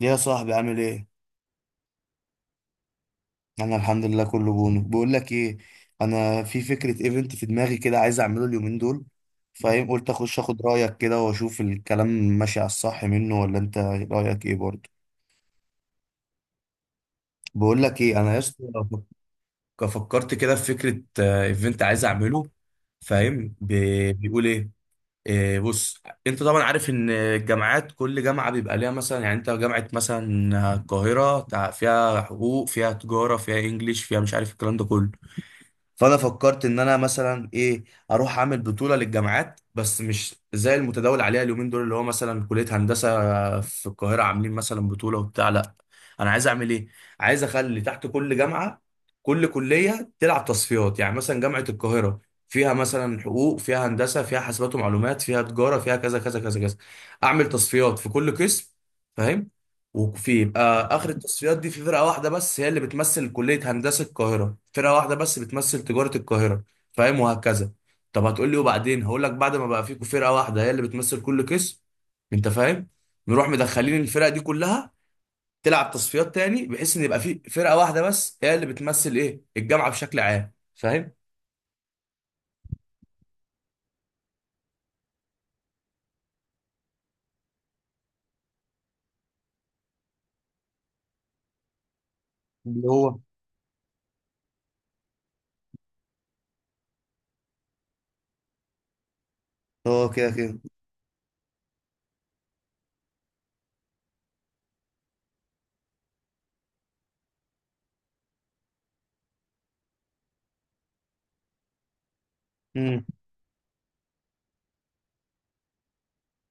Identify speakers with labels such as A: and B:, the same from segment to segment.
A: يا صاحبي، عامل ايه؟ انا الحمد لله، كله بونو. بقول لك ايه، انا في فكره ايفنت في دماغي كده، عايز اعمله اليومين دول، فاهم؟ قلت اخش اخد رايك كده واشوف الكلام ماشي على الصح منه ولا. انت رايك ايه برضه؟ بقول لك ايه انا يا اسطى، فكرت كده في فكره، ايفنت عايز اعمله. فاهم بيقول ايه؟ بص، انت طبعا عارف ان الجامعات كل جامعه بيبقى ليها مثلا، يعني انت جامعه مثلا القاهره فيها حقوق، فيها تجاره، فيها انجليش، فيها مش عارف الكلام ده كله. فانا فكرت ان انا مثلا ايه، اروح اعمل بطوله للجامعات، بس مش زي المتداول عليها اليومين دول، اللي هو مثلا كليه هندسه في القاهره عاملين مثلا بطوله وبتاع. لا، انا عايز اعمل ايه، عايز اخلي تحت كل جامعه كل كليه تلعب تصفيات. يعني مثلا جامعه القاهره فيها مثلا حقوق، فيها هندسه، فيها حاسبات ومعلومات، فيها تجاره، فيها كذا كذا كذا كذا. اعمل تصفيات في كل قسم، فاهم؟ وفي يبقى اخر التصفيات دي في فرقه واحده بس هي اللي بتمثل كليه هندسه القاهره، فرقه واحده بس بتمثل تجاره القاهره، فاهم؟ وهكذا. طب هتقول لي وبعدين؟ هقول لك بعد ما بقى فيكم فرقه واحده هي اللي بتمثل كل قسم، انت فاهم، نروح مدخلين الفرق دي كلها تلعب تصفيات تاني، بحيث ان يبقى في فرقه واحده بس هي اللي بتمثل ايه، الجامعه بشكل عام، فاهم؟ اللي هو اه كده كده. امم،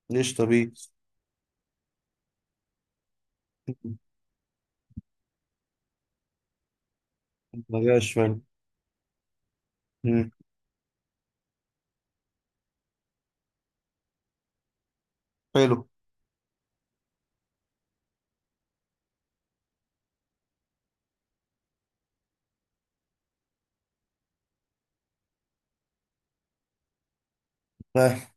A: ليش طبيعي. ما جاش فعلا. امم. حلو. فاهم.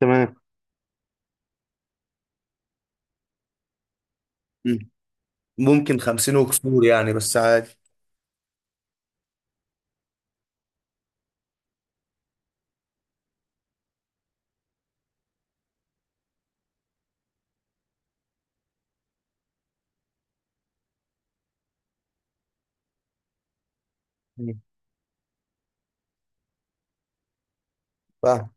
A: تمام. مم. ممكن خمسين وكسور يعني، بس عادي. مم. فاهم.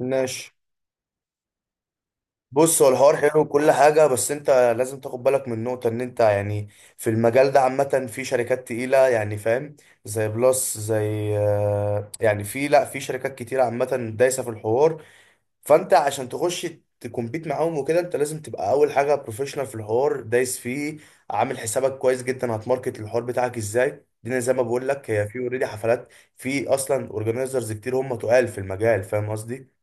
A: ماشي. بص، هو الحوار حلو وكل حاجة، بس انت لازم تاخد بالك من نقطة، ان انت يعني في المجال ده عامة في شركات تقيلة، يعني فاهم، زي بلس، زي يعني في، لا في شركات كتيرة عامة دايسة في الحوار. فانت عشان تخش تكمبيت معاهم وكده، انت لازم تبقى اول حاجه بروفيشنال في الحوار دايس فيه، عامل حسابك كويس جدا هتماركت الحوار بتاعك ازاي. دي زي ما بقول لك، هي في اوريدي حفلات، في اصلا اورجانيزرز كتير هم تقال في المجال، فاهم قصدي؟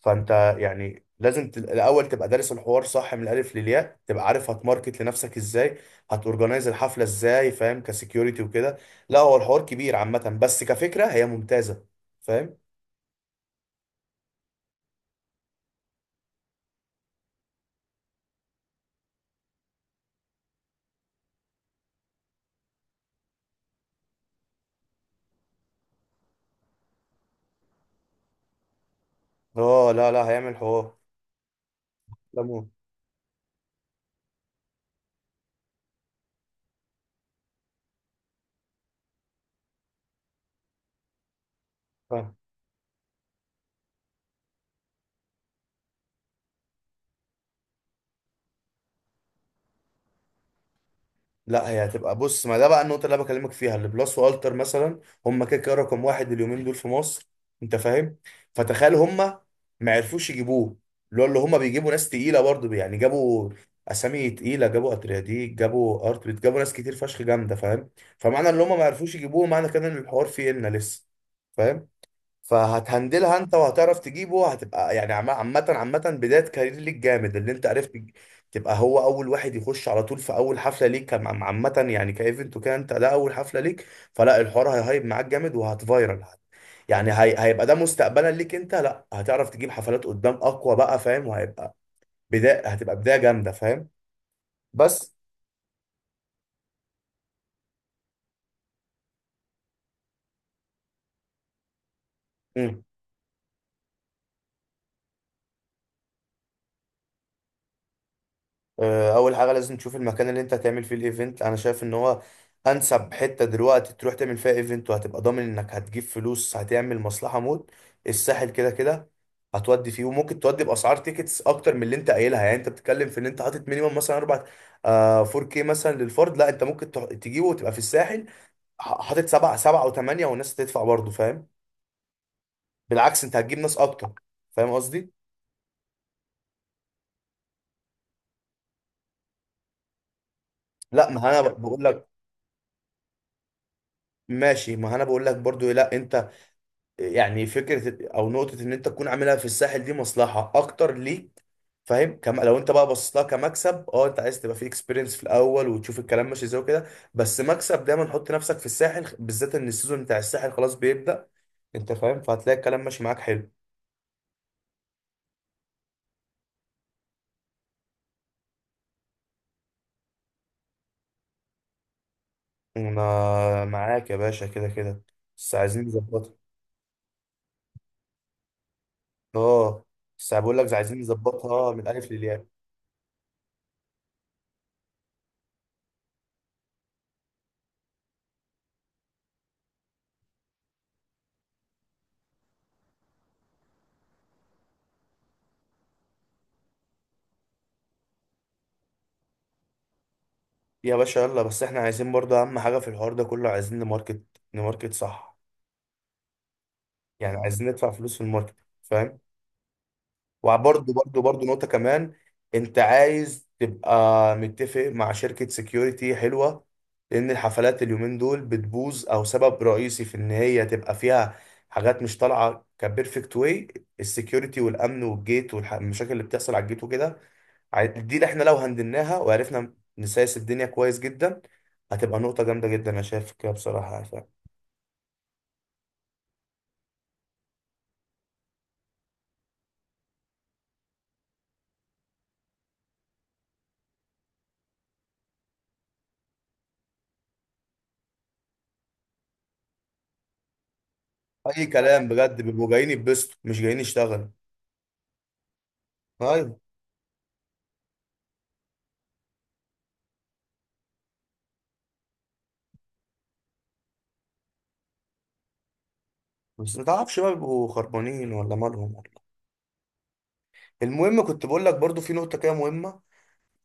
A: فانت يعني لازم الاول تبقى دارس الحوار صح من الالف للياء، تبقى عارف هتماركت لنفسك ازاي، هتورجنايز الحفله ازاي، فاهم؟ كسكيورتي وكده. لا، هو الحوار كبير عامه، بس كفكره هي ممتازه، فاهم. اه لا لا، هيعمل حوار. لا مو- فاهم. لا هي هتبقى، بص، ما ده بقى النقطة اللي انا بكلمك فيها. اللي بلس والتر مثلا، هم كده كده رقم واحد اليومين دول في مصر، انت فاهم، فتخيل هم ما عرفوش يجيبوه. اللي هو اللي هم بيجيبوا ناس تقيلة برضه، يعني جابوا اسامي تقيلة، جابوا اترياديك، جابوا ارتبت، جابوا ناس كتير فشخ جامدة، فاهم؟ فمعنى ان هم ما عرفوش يجيبوه، معنى كده ان الحوار فيه إلنا لسه، فاهم. فهتهندلها انت وهتعرف تجيبه، هتبقى يعني عامة عامة بداية كارير ليك جامد، اللي انت عرفت تبقى هو اول واحد يخش على طول في اول حفلة ليك عامة يعني، كايفنت وكده، انت ده اول حفلة ليك، فلا الحوار هيهايب معاك جامد وهتفايرل. هيبقى ده مستقبلا ليك انت، لا هتعرف تجيب حفلات قدام اقوى بقى، فاهم؟ وهيبقى بداية، هتبقى بداية جامدة، فاهم؟ بس اول حاجه لازم تشوف المكان اللي انت هتعمل فيه الايفنت. انا شايف ان هو انسب حته دلوقتي تروح تعمل فيها ايفنت، وهتبقى ضامن انك هتجيب فلوس، هتعمل مصلحه موت، الساحل. كده كده هتودي فيه، وممكن تودي باسعار تيكتس اكتر من اللي انت قايلها. يعني انت بتتكلم في ان انت حاطط مينيمم مثلا 4، آه 4K مثلا للفرد. لا انت ممكن تجيبه وتبقى في الساحل حاطط سبعة سبعة وثمانية والناس هتدفع برضه، فاهم؟ بالعكس انت هتجيب ناس اكتر، فاهم قصدي؟ لا ما انا بقول لك، ماشي، ما انا بقول لك برضو لا انت يعني فكره او نقطه ان انت تكون عاملها في الساحل دي مصلحه اكتر ليك، فاهم كم؟ لو انت بقى بصيت لها كمكسب، اه انت عايز تبقى في اكسبيرينس في الاول وتشوف الكلام ماشي ازاي وكده، بس مكسب دايما حط نفسك في الساحل، بالذات ان السيزون بتاع الساحل خلاص بيبدا، انت فاهم، فهتلاقي الكلام ماشي معاك حلو. انا معاك يا باشا كده كده، بس عايزين نظبطها. اه، بس بقول لك عايزين نظبطها من الالف للياء. يا باشا يلا، بس احنا عايزين برضه اهم حاجه في الحوار ده كله، عايزين نماركت، نماركت صح، يعني عايزين ندفع فلوس في الماركت، فاهم؟ وبرضه برضه برضه نقطة كمان، انت عايز تبقى متفق مع شركة سكيورتي حلوة، لان الحفلات اليومين دول بتبوظ، او سبب رئيسي في ان هي تبقى فيها حاجات مش طالعة كبيرفكت، واي؟ السكيورتي والامن والجيت والمشاكل اللي بتحصل على الجيت وكده. دي اللي احنا لو هندلناها وعرفنا نسايس الدنيا كويس جدا، هتبقى نقطة جامدة جدا، انا شايف كده بصراحة، يعني فاهم. اي كلام بجد، بيبقوا جايين يتبسطوا، مش جايين يشتغلوا. ايوه، بس ما تعرفش بقى، بيبقوا خربانين ولا مالهم ولا إيه. المهم، كنت بقول لك برضو في نقطة كده مهمة.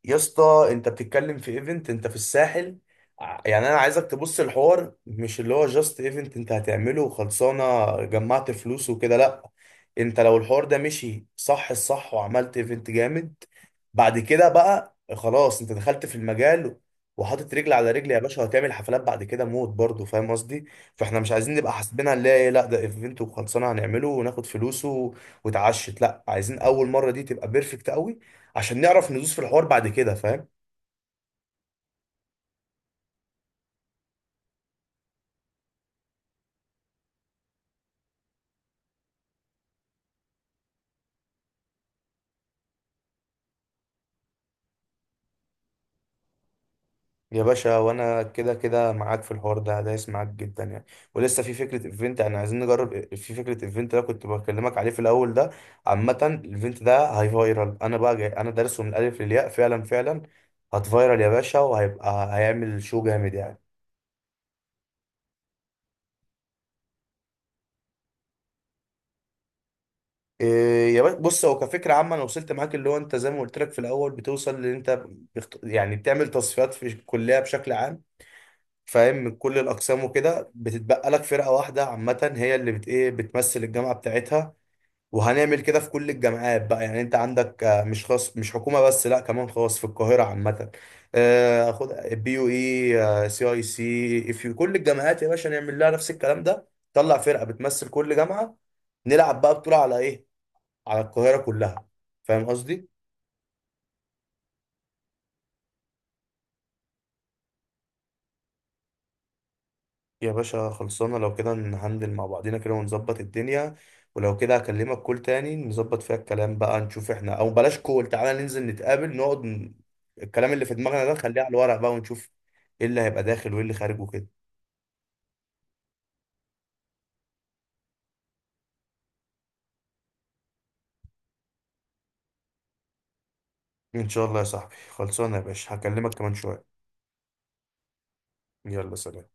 A: يا اسطى، انت بتتكلم في ايفنت انت في الساحل، يعني انا عايزك تبص الحوار مش اللي هو جاست ايفنت انت هتعمله وخلصانه، جمعت فلوس وكده، لا. انت لو الحوار ده مشي صح الصح وعملت ايفنت جامد، بعد كده بقى خلاص انت دخلت في المجال، وحاطط رجل على رجل يا باشا، وهتعمل حفلات بعد كده موت برضه، فاهم قصدي؟ فاحنا مش عايزين نبقى حاسبينها اللي هي ايه، لا ده ايفنت وخلصانه هنعمله وناخد فلوسه وتعشت، لا، عايزين اول مره دي تبقى بيرفكت قوي، عشان نعرف ندوس في الحوار بعد كده، فاهم؟ يا باشا، وانا كده كده معاك في الحوار ده، دايس معاك جدا يعني. ولسه في فكره ايفنت، يعني عايزين نجرب في فكره ايفنت ده كنت بكلمك عليه في الاول ده. عامه الايفنت ده هاي فايرال، انا بقى جاي انا دارسه من الالف للياء، فعلا فعلا هتفايرال يا باشا، وهيبقى هيعمل شو جامد يعني. إيه يا باشا، بص، هو كفكره عامه انا وصلت معاك اللي هو انت زي ما قلت لك في الاول، بتوصل ان انت يعني بتعمل تصفيات في الكليه بشكل عام، فاهم، من كل الاقسام وكده، بتتبقى لك فرقه واحده عامه هي اللي بت ايه، بتمثل الجامعه بتاعتها. وهنعمل كده في كل الجامعات بقى، يعني انت عندك مش خاص، مش حكومه بس، لا كمان خاص في القاهره عامه، خد بي يو اي سي اي سي، في كل الجامعات يا باشا نعمل لها نفس الكلام ده، طلع فرقه بتمثل كل جامعه، نلعب بقى بطوله على ايه، على القاهره كلها، فاهم قصدي؟ يا باشا خلصانة، لو كده نهندل مع بعضينا كده ونظبط الدنيا. ولو كده هكلمك كول تاني نظبط فيها الكلام بقى، نشوف احنا، او بلاش كول، تعالى ننزل نتقابل نقعد. الكلام اللي في دماغنا ده نخليه على الورق بقى، ونشوف ايه اللي هيبقى داخل وايه اللي خارج وكده. ان شاء الله يا صاحبي. خلصانة يا باشا، هكلمك كمان شوية. يلا سلام.